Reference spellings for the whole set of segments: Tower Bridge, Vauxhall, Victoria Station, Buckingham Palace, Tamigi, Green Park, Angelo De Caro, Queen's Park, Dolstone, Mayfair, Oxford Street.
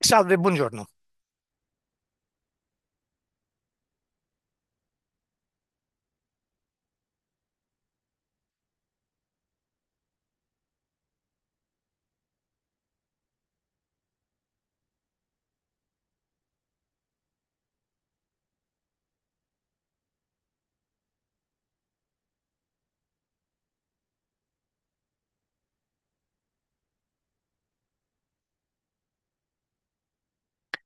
Salve, buongiorno.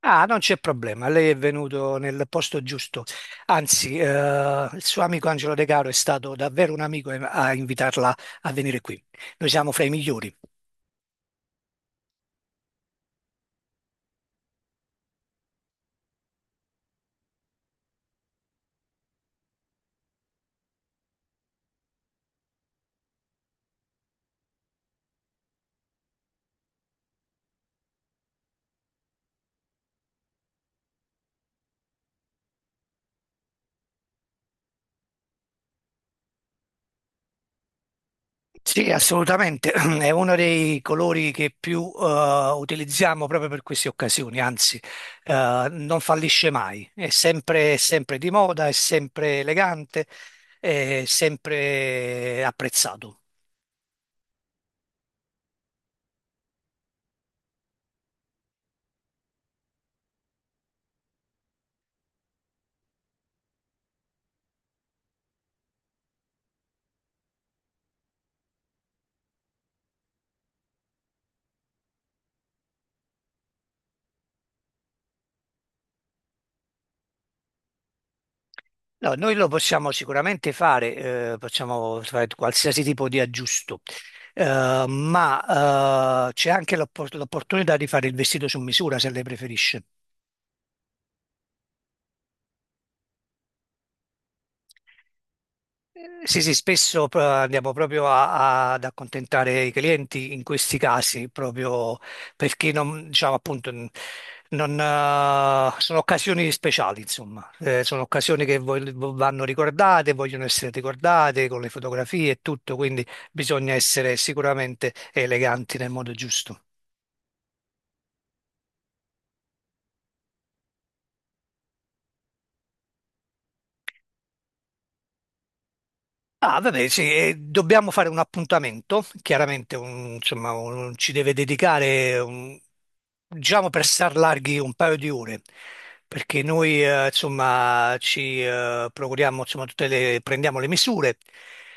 Ah, non c'è problema, lei è venuto nel posto giusto. Anzi, il suo amico Angelo De Caro è stato davvero un amico a invitarla a venire qui. Noi siamo fra i migliori. Sì, assolutamente, è uno dei colori che più utilizziamo proprio per queste occasioni. Anzi, non fallisce mai, è sempre di moda, è sempre elegante, è sempre apprezzato. No, noi lo possiamo sicuramente fare, possiamo fare qualsiasi tipo di aggiusto. Ma c'è anche l'l'opportunità di fare il vestito su misura se lei preferisce. Sì, sì, spesso andiamo proprio ad accontentare i clienti in questi casi, proprio perché non, diciamo, appunto, non, sono occasioni speciali, insomma. Sono occasioni che vanno ricordate, vogliono essere ricordate con le fotografie e tutto, quindi bisogna essere sicuramente eleganti nel modo giusto. Ah, vabbè, sì, dobbiamo fare un appuntamento, chiaramente insomma, ci deve dedicare, diciamo, per star larghi un paio di ore, perché noi insomma, ci procuriamo, insomma, tutte le, prendiamo le misure.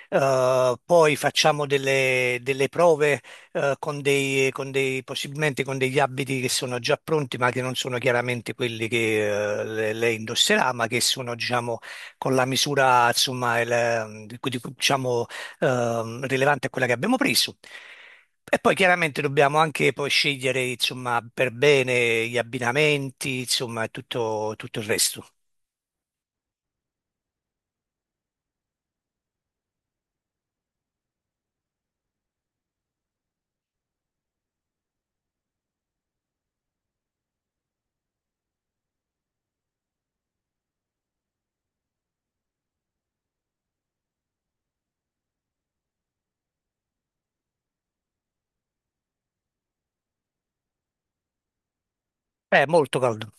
Poi facciamo delle prove con dei, possibilmente con degli abiti che sono già pronti, ma che non sono chiaramente quelli che lei indosserà, ma che sono, diciamo, con la misura, insomma, diciamo, rilevante a quella che abbiamo preso. E poi chiaramente dobbiamo anche poi scegliere, insomma, per bene gli abbinamenti, insomma, e tutto il resto. È molto caldo.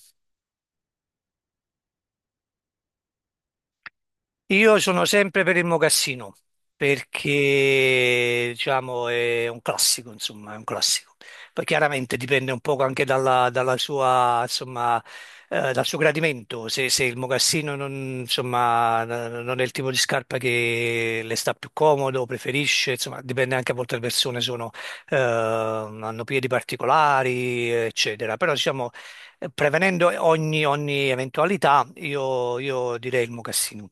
Io sono sempre per il mocassino, perché diciamo è un classico, insomma, è un classico. Poi chiaramente dipende un po' anche dalla, sua, insomma, dal suo gradimento. Se il mocassino non, insomma, non è il tipo di scarpa che le sta più comodo, preferisce, insomma, dipende anche a volte le persone sono, hanno piedi particolari, eccetera. Però diciamo, prevenendo ogni eventualità, io direi il mocassino.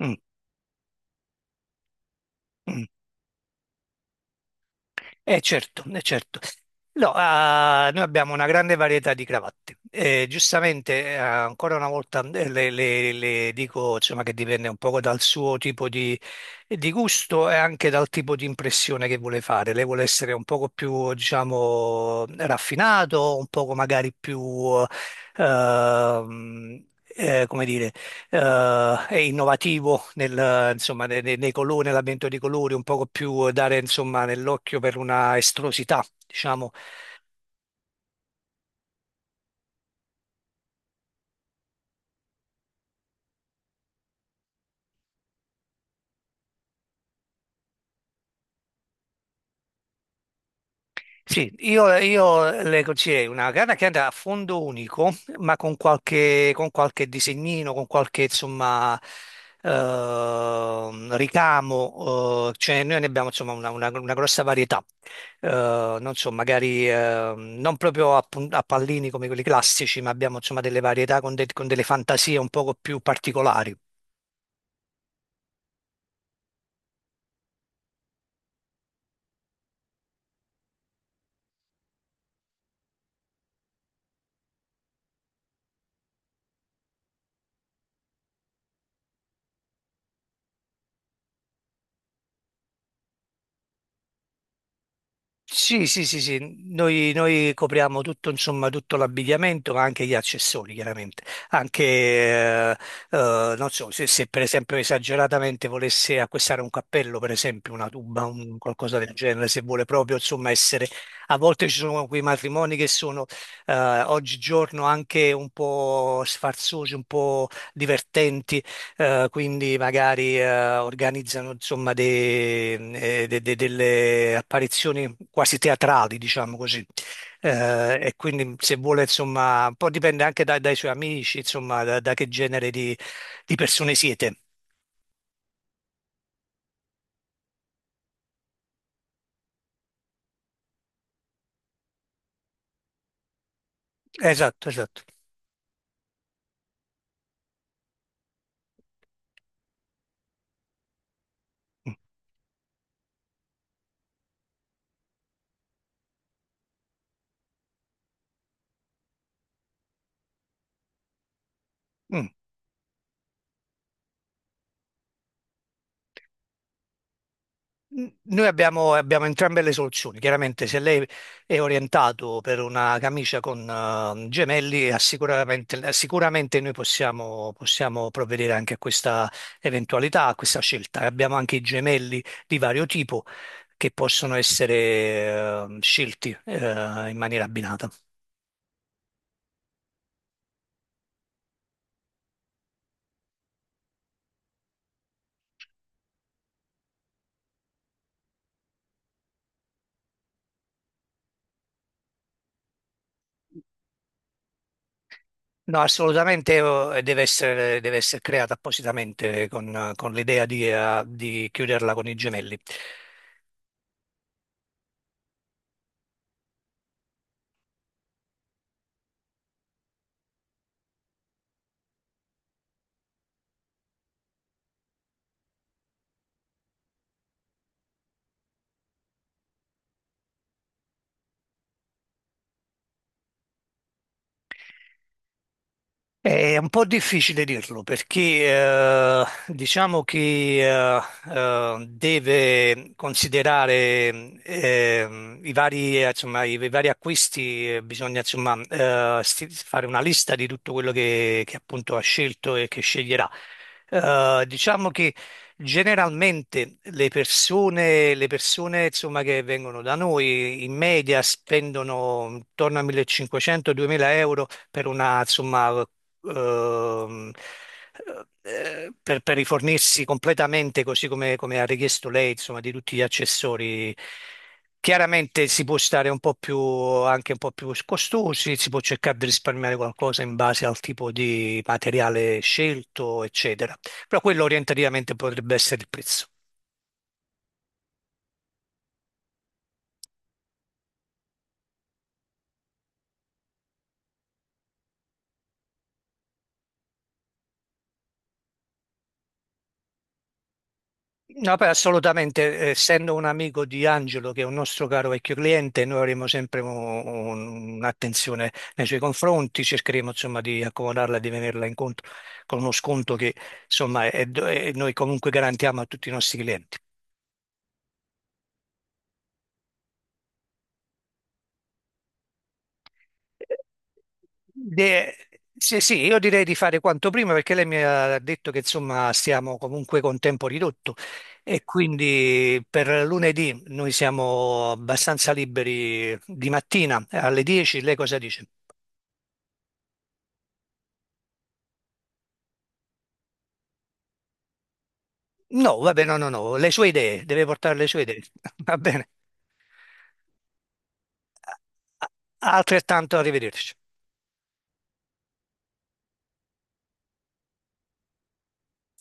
Mm, mm. Eh certo, eh certo. No, ah, noi abbiamo una grande varietà di cravatte. Giustamente, ancora una volta le dico, insomma, che dipende un poco dal suo tipo di gusto e anche dal tipo di impressione che vuole fare. Lei vuole essere un poco più, diciamo, raffinato, un poco magari più, ehm, come dire, è innovativo nel, insomma, nei colori, nell'avvento di colori, un poco più dare, insomma, nell'occhio per una estrosità, diciamo. Sì, io leggo c'è una gara che andrà a fondo unico, ma con qualche disegnino, con qualche, insomma, ricamo. Cioè noi ne abbiamo, insomma, una grossa varietà. Non so, magari, non proprio a, a pallini come quelli classici, ma abbiamo, insomma, delle varietà con delle fantasie un poco più particolari. Sì, sì, sì, sì, noi copriamo tutto, insomma, tutto l'abbigliamento, ma anche gli accessori, chiaramente. Anche, non so, se per esempio esageratamente volesse acquistare un cappello, per esempio, una tuba, un qualcosa del genere, se vuole proprio, insomma, essere. A volte ci sono quei matrimoni che sono, eh, oggigiorno anche un po' sfarzosi, un po' divertenti. Quindi magari organizzano, insomma, delle apparizioni quasi teatrali, diciamo così. E quindi se vuole, insomma, un po' dipende anche dai, suoi amici, insomma, da, che genere di persone siete. Esatto, esatto. Mm. Mm. Noi abbiamo entrambe le soluzioni. Chiaramente, se lei è orientato per una camicia con gemelli, ha sicuramente noi possiamo provvedere anche a questa eventualità, a questa scelta. Abbiamo anche i gemelli di vario tipo che possono essere scelti in maniera abbinata. No, assolutamente, deve essere creata appositamente con l'idea di chiuderla con i gemelli. È un po' difficile dirlo, perché diciamo che deve considerare, i vari, insomma, i vari acquisti. Bisogna, insomma, fare una lista di tutto quello che appunto ha scelto e che sceglierà. Diciamo che generalmente le persone, insomma, che vengono da noi in media spendono intorno a 1500-2000 euro per una, insomma, ehm, per rifornirsi completamente così come ha richiesto lei, insomma, di tutti gli accessori. Chiaramente si può stare un po' più, anche un po' più costosi, si può cercare di risparmiare qualcosa in base al tipo di materiale scelto, eccetera. Però quello orientativamente potrebbe essere il prezzo. No, beh, assolutamente, essendo un amico di Angelo, che è un nostro caro vecchio cliente, noi avremo sempre un'attenzione nei suoi confronti, cercheremo, insomma, di accomodarla, di venirla incontro con uno sconto che, insomma, è- noi comunque garantiamo a tutti i nostri clienti. De- Sì, sì, io direi di fare quanto prima, perché lei mi ha detto che, insomma, stiamo comunque con tempo ridotto, e quindi per lunedì noi siamo abbastanza liberi di mattina alle 10, lei cosa dice? No, vabbè, no, no, no, le sue idee, deve portare le sue idee. Va bene. Altrettanto, arrivederci.